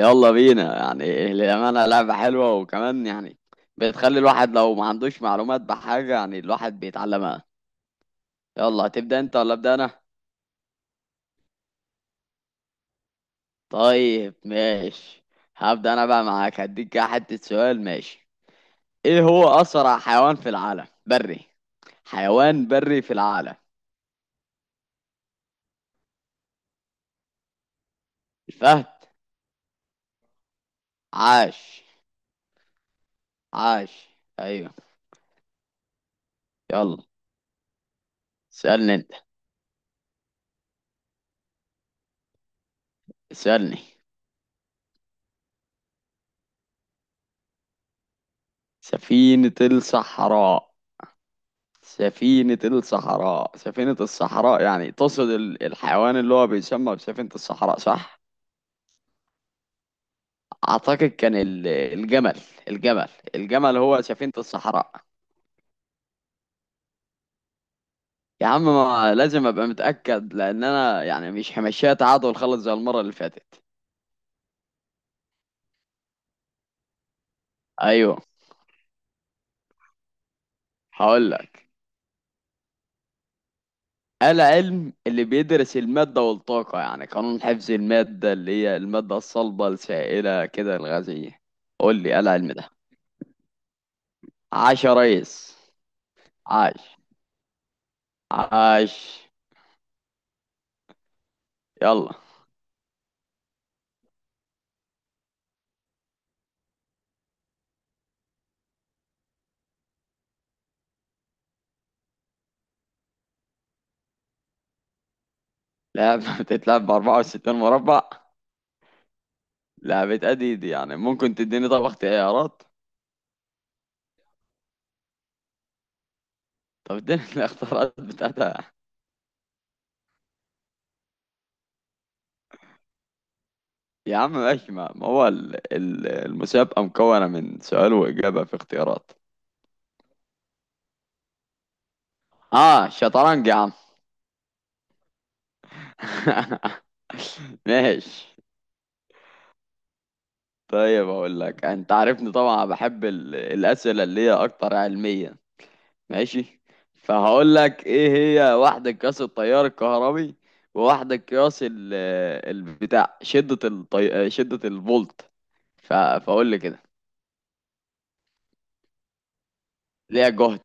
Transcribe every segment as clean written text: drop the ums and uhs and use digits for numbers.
يلا بينا، يعني للأمانة لعبة حلوة. وكمان يعني بتخلي الواحد لو ما عندوش معلومات بحاجة، يعني الواحد بيتعلمها. يلا، هتبدأ انت ولا أبدأ أنا؟ طيب ماشي. هبدأ أنا بقى معاك، هديك كده حتة سؤال. ماشي، ايه هو أسرع حيوان في العالم؟ بري. حيوان بري في العالم. الفهد. عاش. عاش. أيوه. يلا، اسألني انت. اسألني. سفينة الصحراء. سفينة الصحراء. سفينة الصحراء يعني تقصد الحيوان اللي هو بيسمى بسفينة الصحراء، صح؟ أعتقد كان الجمل. الجمل. الجمل هو سفينة الصحراء. يا عم، ما لازم أبقى متأكد، لأن أنا يعني مش همشيها تعادل خالص زي المرة اللي فاتت. أيوه. هقول لك، العلم اللي بيدرس المادة والطاقة، يعني قانون حفظ المادة اللي هي المادة الصلبة السائلة كده الغازية، قول لي إيه العلم ده. عاش يا ريس. عاش. عاش. يلا. لعبة بتتلعب ب 64 مربع. لعبة أديد، يعني ممكن تديني طب اختيارات. طب اديني الاختيارات بتاعتها. يا عم ماشي، ما هو المسابقة مكونة من سؤال وإجابة في اختيارات. اه شطرنج يا عم. ماشي. طيب اقول لك، انت عارفني طبعا بحب الاسئله اللي هي اكتر علميا. ماشي. فهقول لك، ايه هي واحدة قياس التيار الكهربي، وواحدة قياس ال البتاع شدة شدة الفولت. فاقول لي كده. ليها جهد.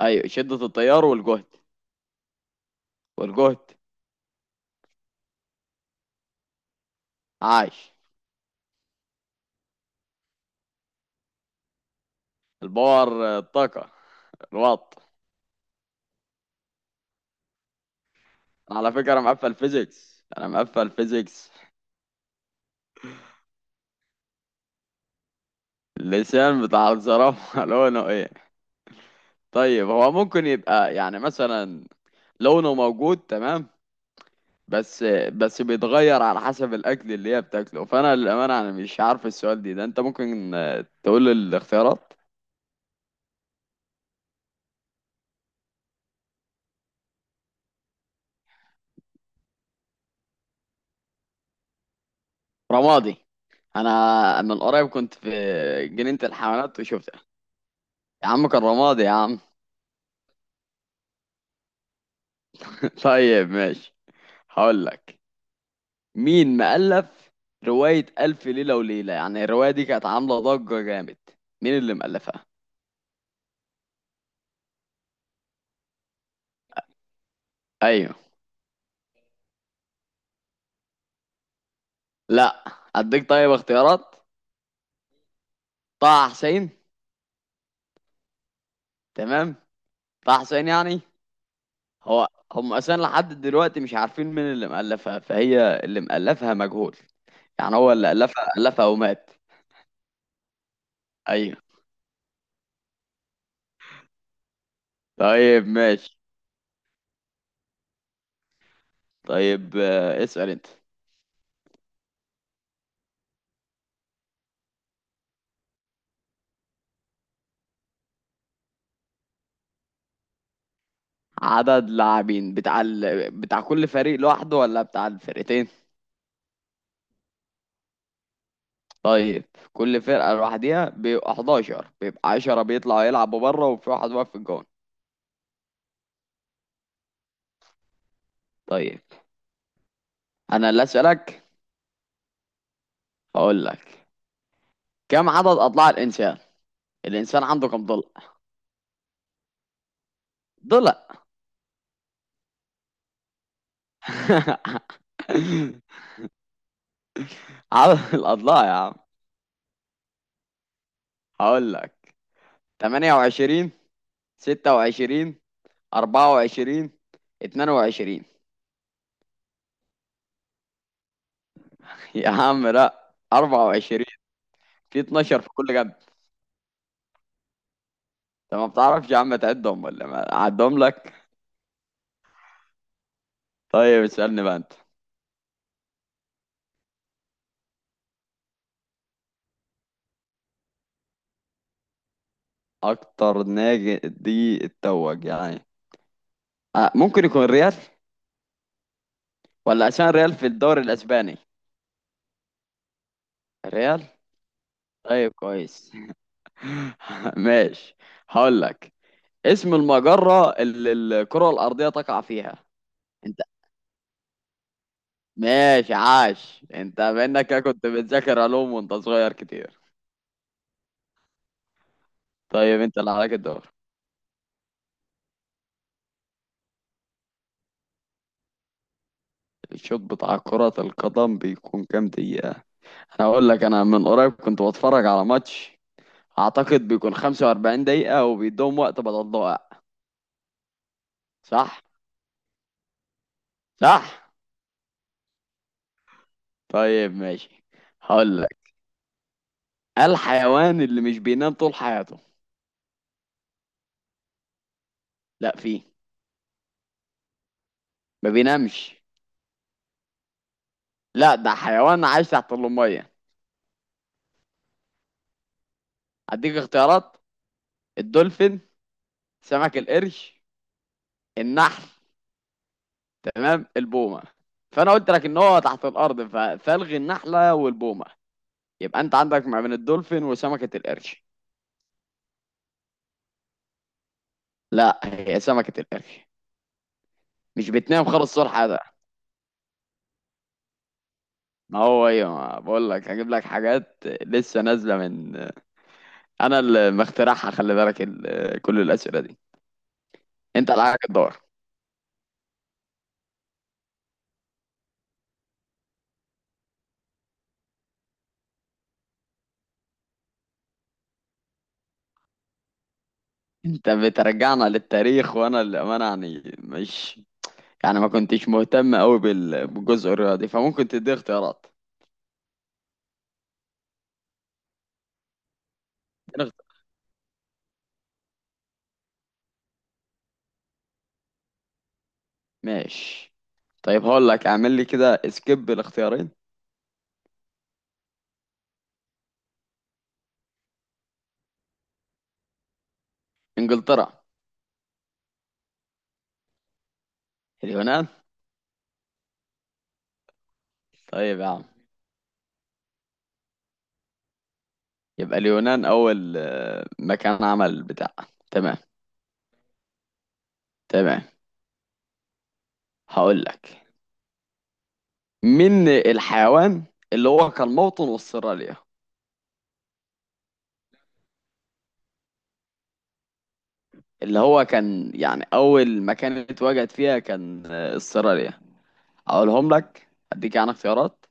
ايوه، شدة التيار والجهد. والجهد. عاش. الباور الطاقة. الوات. على فكرة انا مقفل فيزيكس، انا مقفل فيزيكس. اللسان بتاع الزرافة لونه ايه؟ طيب هو ممكن يبقى يعني مثلا لونه موجود. تمام. بس بس بيتغير على حسب الاكل اللي هي بتاكله. فانا للامانه انا مش عارف السؤال دي ده، انت ممكن تقول الاختيارات. رمادي. انا من قريب كنت في جنينه الحيوانات وشفتها. يا عم كان رمادي يا عم. طيب ماشي. هقول لك، مين مؤلف روايه الف ليله وليله؟ يعني الروايه دي كانت عامله ضجه جامد، مين اللي مؤلفها؟ ايوه. لا. اديك طيب اختيارات. طه حسين. تمام، طه حسين يعني هو. هم اصلا لحد دلوقتي مش عارفين مين اللي مألفها، فهي اللي مألفها مجهول. يعني هو اللي ألفها ألفها ومات. ايوه. طيب ماشي. طيب اسأل انت. عدد لاعبين بتاع بتاع كل فريق لوحده ولا بتاع الفرقتين؟ طيب، كل فرقة لوحدها بيبقى 11، بيبقى 10 بيطلعوا يلعبوا بره وفي واحد واقف في الجون. طيب. انا اللي اسألك. هقول لك، كم عدد اضلاع الانسان؟ الانسان عنده كم ضلع؟ ضلع. عدد الأضلاع يا عم. هقول لك، 28، 26، 24، 22. يا عم لا، 24. في 12 في كل جنب. انت ما بتعرفش يا عم تعدهم ولا ما اعدهم لك؟ طيب اسألني بقى انت. اكتر نادي دي اتوج يعني. آه، ممكن يكون ريال، ولا عشان ريال في الدوري الاسباني. ريال. طيب كويس. ماشي. هقول لك، اسم المجرة اللي الكرة الأرضية تقع فيها. ماشي. عاش، انت منك كنت بتذاكر علوم وانت صغير كتير. طيب انت اللي عليك الدور. الشوط بتاع كرة القدم بيكون كام دقيقة؟ انا اقول لك، انا من قريب كنت بتفرج على ماتش. اعتقد بيكون 45 دقيقة وبيدوم وقت بدل ضائع. صح. صح. طيب ماشي. هقول لك، الحيوان اللي مش بينام طول حياته. لا فيه. ما بينامش. لا، ده حيوان عايش تحت المية. اديك اختيارات. الدولفين. سمك القرش. النحل. تمام، البومه فانا قلت لك ان هو تحت الارض فالغي النحله والبومه. يبقى انت عندك ما بين الدولفين وسمكه القرش. لا، هي سمكه القرش مش بتنام خالص، صور حدا. ما هو ايه، ما بقول لك هجيب لك حاجات لسه نازله من انا اللي مخترعها، خلي بالك كل الاسئله دي. انت اللي عليك الدور. انت بترجعنا للتاريخ، وانا للامانه يعني مش يعني ما كنتش مهتم قوي بالجزء الرياضي، فممكن تدي اختيارات. اديني اخت- ماشي. طيب هقول لك، اعمل لي كده سكيب الاختيارين. انجلترا. اليونان. طيب يا عم. يبقى اليونان اول مكان عمل بتاع. تمام. تمام. هقول لك، من الحيوان اللي هو كان موطن استراليا؟ اللي هو كان يعني اول مكان اتواجد فيها كان استراليا. اقولهم لك، اديك يعني اختيارات.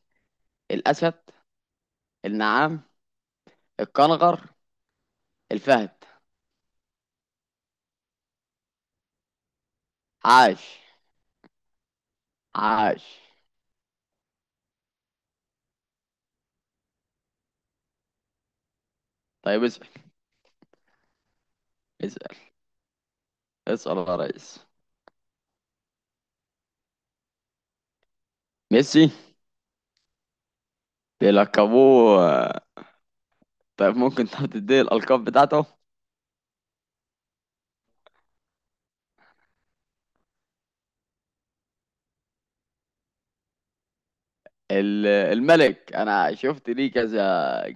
الاسد. النعام. الكنغر. الفهد. عاش. عاش. طيب اسال. اسال. اسال يا ريس. ميسي بيلقبوه. طيب ممكن تحط دي الألقاب بتاعته. الملك، أنا شفت ليه كذا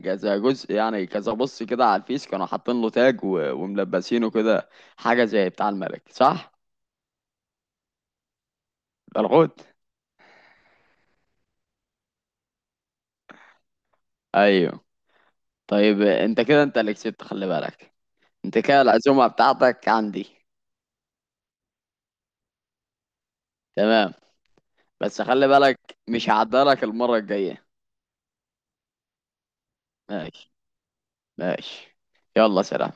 كذا جزء يعني، كذا بص كده على الفيس كانوا حاطين له تاج وملبسينه كده، حاجة زي بتاع الملك، صح؟ الحوت. أيوه. طيب أنت كده أنت اللي كسبت خلي بالك. أنت كده العزومة بتاعتك عندي. تمام. بس خلي بالك مش هعدلك المرة الجاية. ماشي. ماشي. يلا سلام.